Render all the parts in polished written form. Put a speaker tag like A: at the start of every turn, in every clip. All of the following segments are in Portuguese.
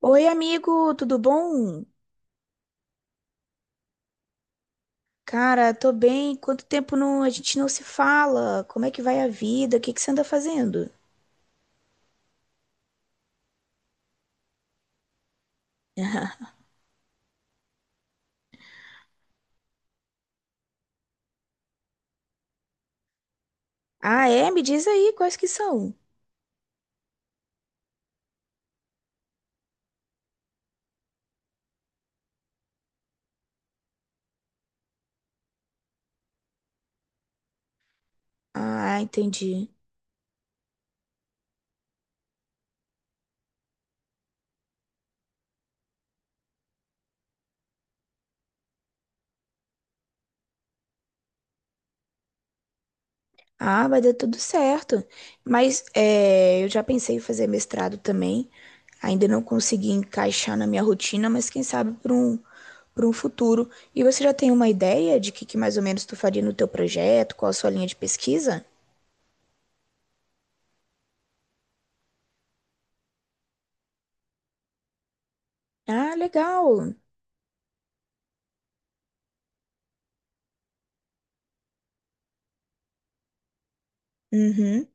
A: Oi, amigo, tudo bom? Cara, tô bem. Quanto tempo a gente não se fala? Como é que vai a vida? O que que você anda fazendo? Ah, é? Me diz aí quais que são. Ah, entendi. Ah, vai dar tudo certo. Mas é, eu já pensei em fazer mestrado também. Ainda não consegui encaixar na minha rotina, mas quem sabe para um futuro. E você já tem uma ideia de que mais ou menos tu faria no teu projeto? Qual a sua linha de pesquisa? Ah, legal. Uhum.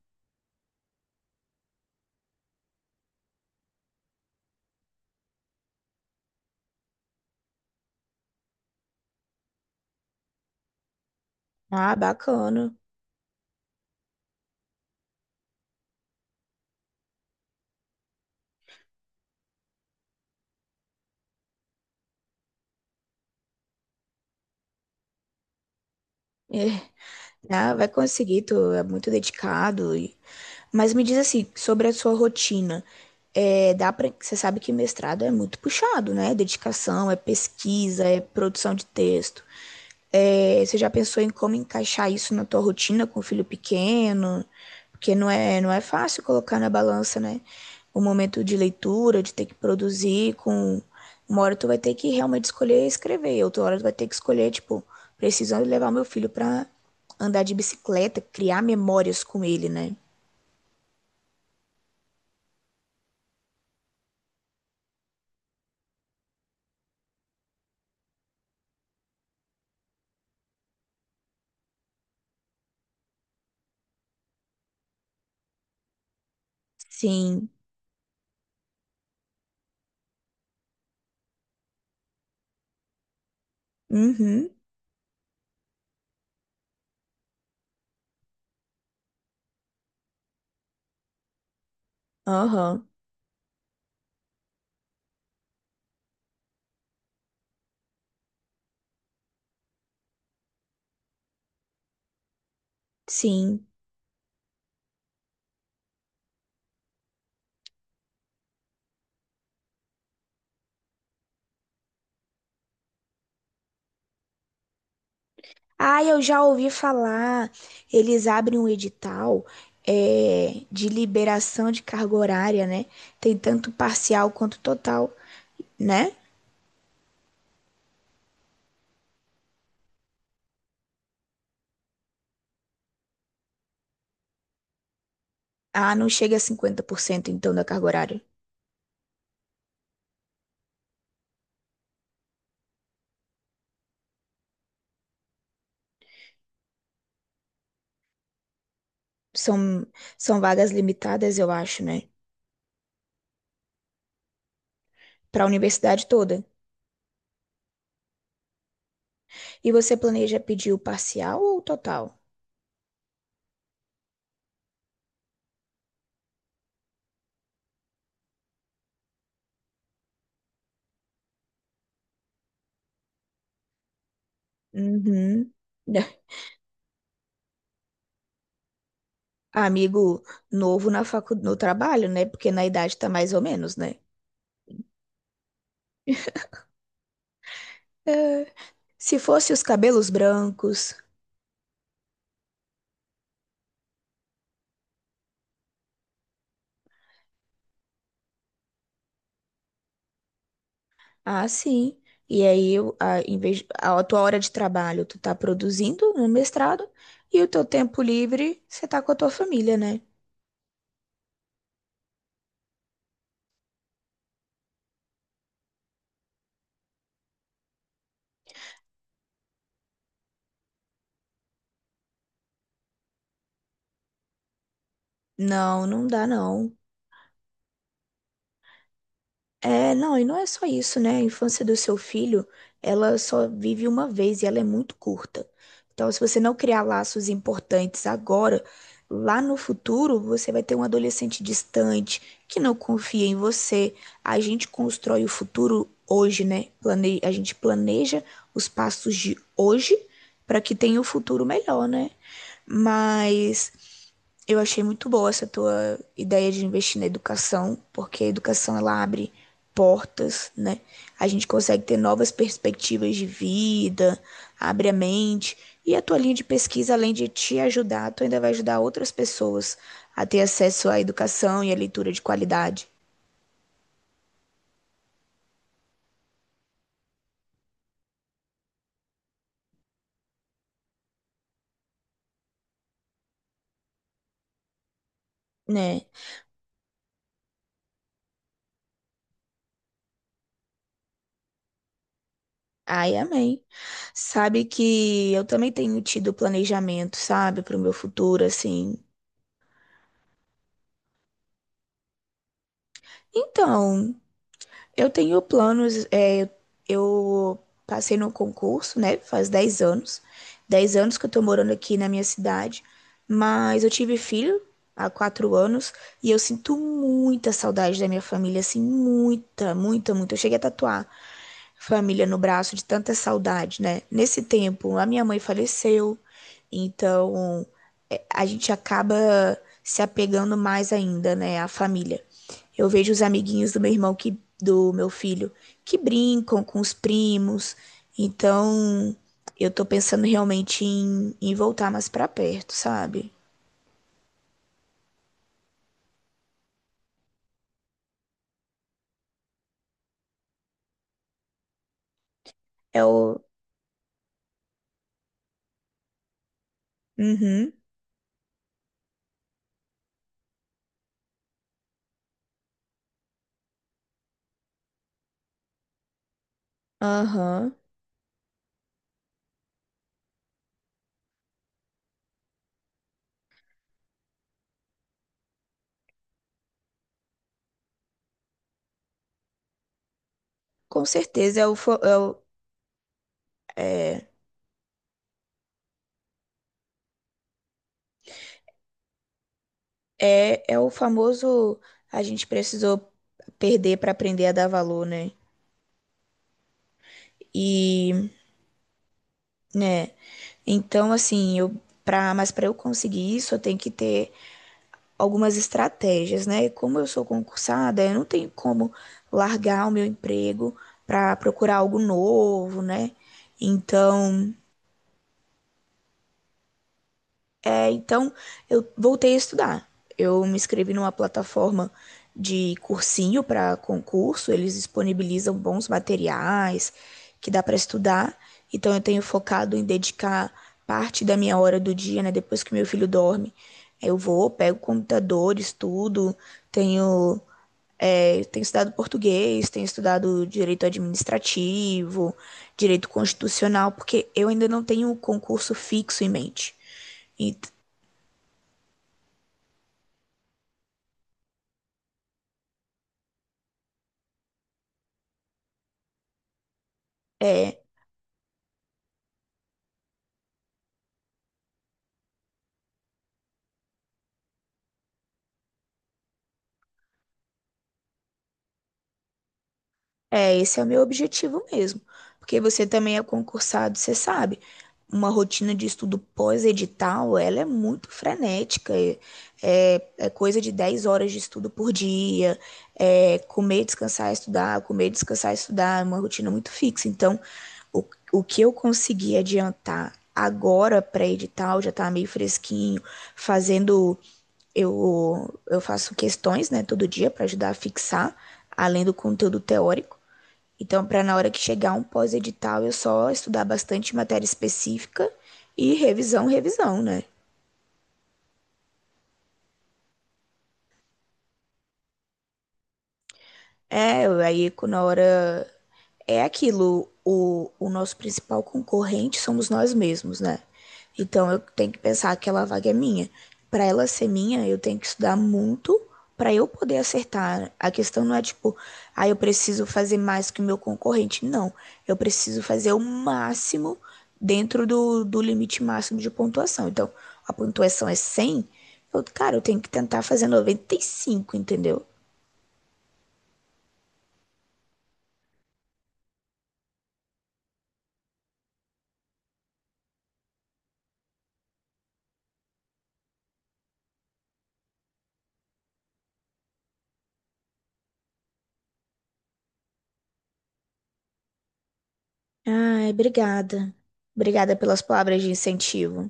A: Ah, bacana. É. Ah, vai conseguir, tu é muito dedicado. Mas me diz assim, sobre a sua rotina. É, dá pra... Você sabe que mestrado é muito puxado, né? Dedicação, é pesquisa, é produção de texto. É, você já pensou em como encaixar isso na tua rotina com o filho pequeno? Porque não é fácil colocar na balança, né? O momento de leitura, de ter que produzir com... Uma hora tu vai ter que realmente escolher escrever, outra hora tu vai ter que escolher, tipo, precisando levar meu filho pra andar de bicicleta, criar memórias com ele, né? Sim. Uhum. Aham. Sim. Ah, eu já ouvi falar. Eles abrem um edital é, de liberação de carga horária, né? Tem tanto parcial quanto total, né? Ah, não chega a 50%, então da carga horária. São, são vagas limitadas, eu acho, né? Para a universidade toda. E você planeja pedir o parcial ou o total? Uhum. Amigo novo na facu... no trabalho, né? Porque na idade tá mais ou menos, né? É. Se fosse os cabelos brancos, ah, sim. E aí, eu, a, em vez, a tua hora de trabalho, tu tá produzindo no mestrado e o teu tempo livre, você tá com a tua família, né? Não, não dá, não. É, não, e não é só isso, né? A infância do seu filho, ela só vive uma vez e ela é muito curta. Então, se você não criar laços importantes agora, lá no futuro, você vai ter um adolescente distante, que não confia em você. A gente constrói o futuro hoje, né? Plane... A gente planeja os passos de hoje para que tenha um futuro melhor, né? Mas eu achei muito boa essa tua ideia de investir na educação, porque a educação ela abre portas, né? A gente consegue ter novas perspectivas de vida, abre a mente. E a tua linha de pesquisa, além de te ajudar, tu ainda vai ajudar outras pessoas a ter acesso à educação e à leitura de qualidade, né? Ai, amém. Sabe que eu também tenho tido planejamento, sabe, para o meu futuro, assim. Então, eu tenho planos, é, eu passei no concurso, né? Faz 10 anos. 10 anos que eu tô morando aqui na minha cidade, mas eu tive filho há 4 anos e eu sinto muita saudade da minha família, assim, muita, muita, muita. Eu cheguei a tatuar família no braço de tanta saudade, né? Nesse tempo, a minha mãe faleceu, então é, a gente acaba se apegando mais ainda, né, à família. Eu vejo os amiguinhos do meu filho que brincam com os primos. Então, eu tô pensando realmente em, em voltar mais pra perto, sabe? É o uhum, aham. Com certeza é o, fa- é o é, é, é o famoso a gente precisou perder pra aprender a dar valor, né? E, né? Então, assim, eu para mas para eu conseguir isso, eu tenho que ter algumas estratégias, né? E como eu sou concursada, eu não tenho como largar o meu emprego para procurar algo novo, né? Então, então, eu voltei a estudar. Eu me inscrevi numa plataforma de cursinho para concurso, eles disponibilizam bons materiais que dá para estudar. Então eu tenho focado em dedicar parte da minha hora do dia, né, depois que meu filho dorme. Eu vou, pego o computador, estudo, tenho tenho estudado português, tenho estudado direito administrativo, direito constitucional, porque eu ainda não tenho um concurso fixo em mente. E, é, esse é o meu objetivo mesmo. Porque você também é concursado, você sabe. Uma rotina de estudo pós-edital, ela é muito frenética. É, é coisa de 10 horas de estudo por dia. É comer, descansar, estudar, comer, descansar, estudar. É uma rotina muito fixa. Então, o, o que eu consegui adiantar agora pré-edital já está meio fresquinho, fazendo. Eu faço questões, né, todo dia para ajudar a fixar, além do conteúdo teórico. Então, para na hora que chegar um pós-edital, eu só estudar bastante matéria específica e revisão, revisão, né? É, aí co- na hora é aquilo, o nosso principal concorrente somos nós mesmos, né? Então eu tenho que pensar que aquela vaga é minha. Para ela ser minha, eu tenho que estudar muito para eu poder acertar. A questão não é tipo, ah, eu preciso fazer mais que o meu concorrente. Não, eu preciso fazer o máximo dentro do limite máximo de pontuação. Então, a pontuação é 100, cara, eu tenho que tentar fazer 95, entendeu? Ai, obrigada. Obrigada pelas palavras de incentivo.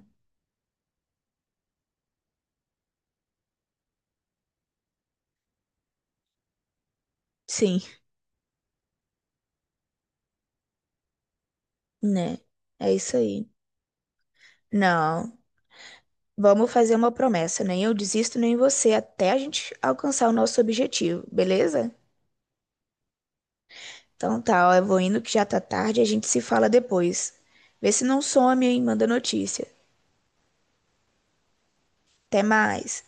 A: Sim, né? É isso aí. Não, vamos fazer uma promessa. Nem eu desisto, nem você, até a gente alcançar o nosso objetivo, beleza? Então tá, ó, eu vou indo que já tá tarde, a gente se fala depois. Vê se não some, hein? Manda notícia. Até mais.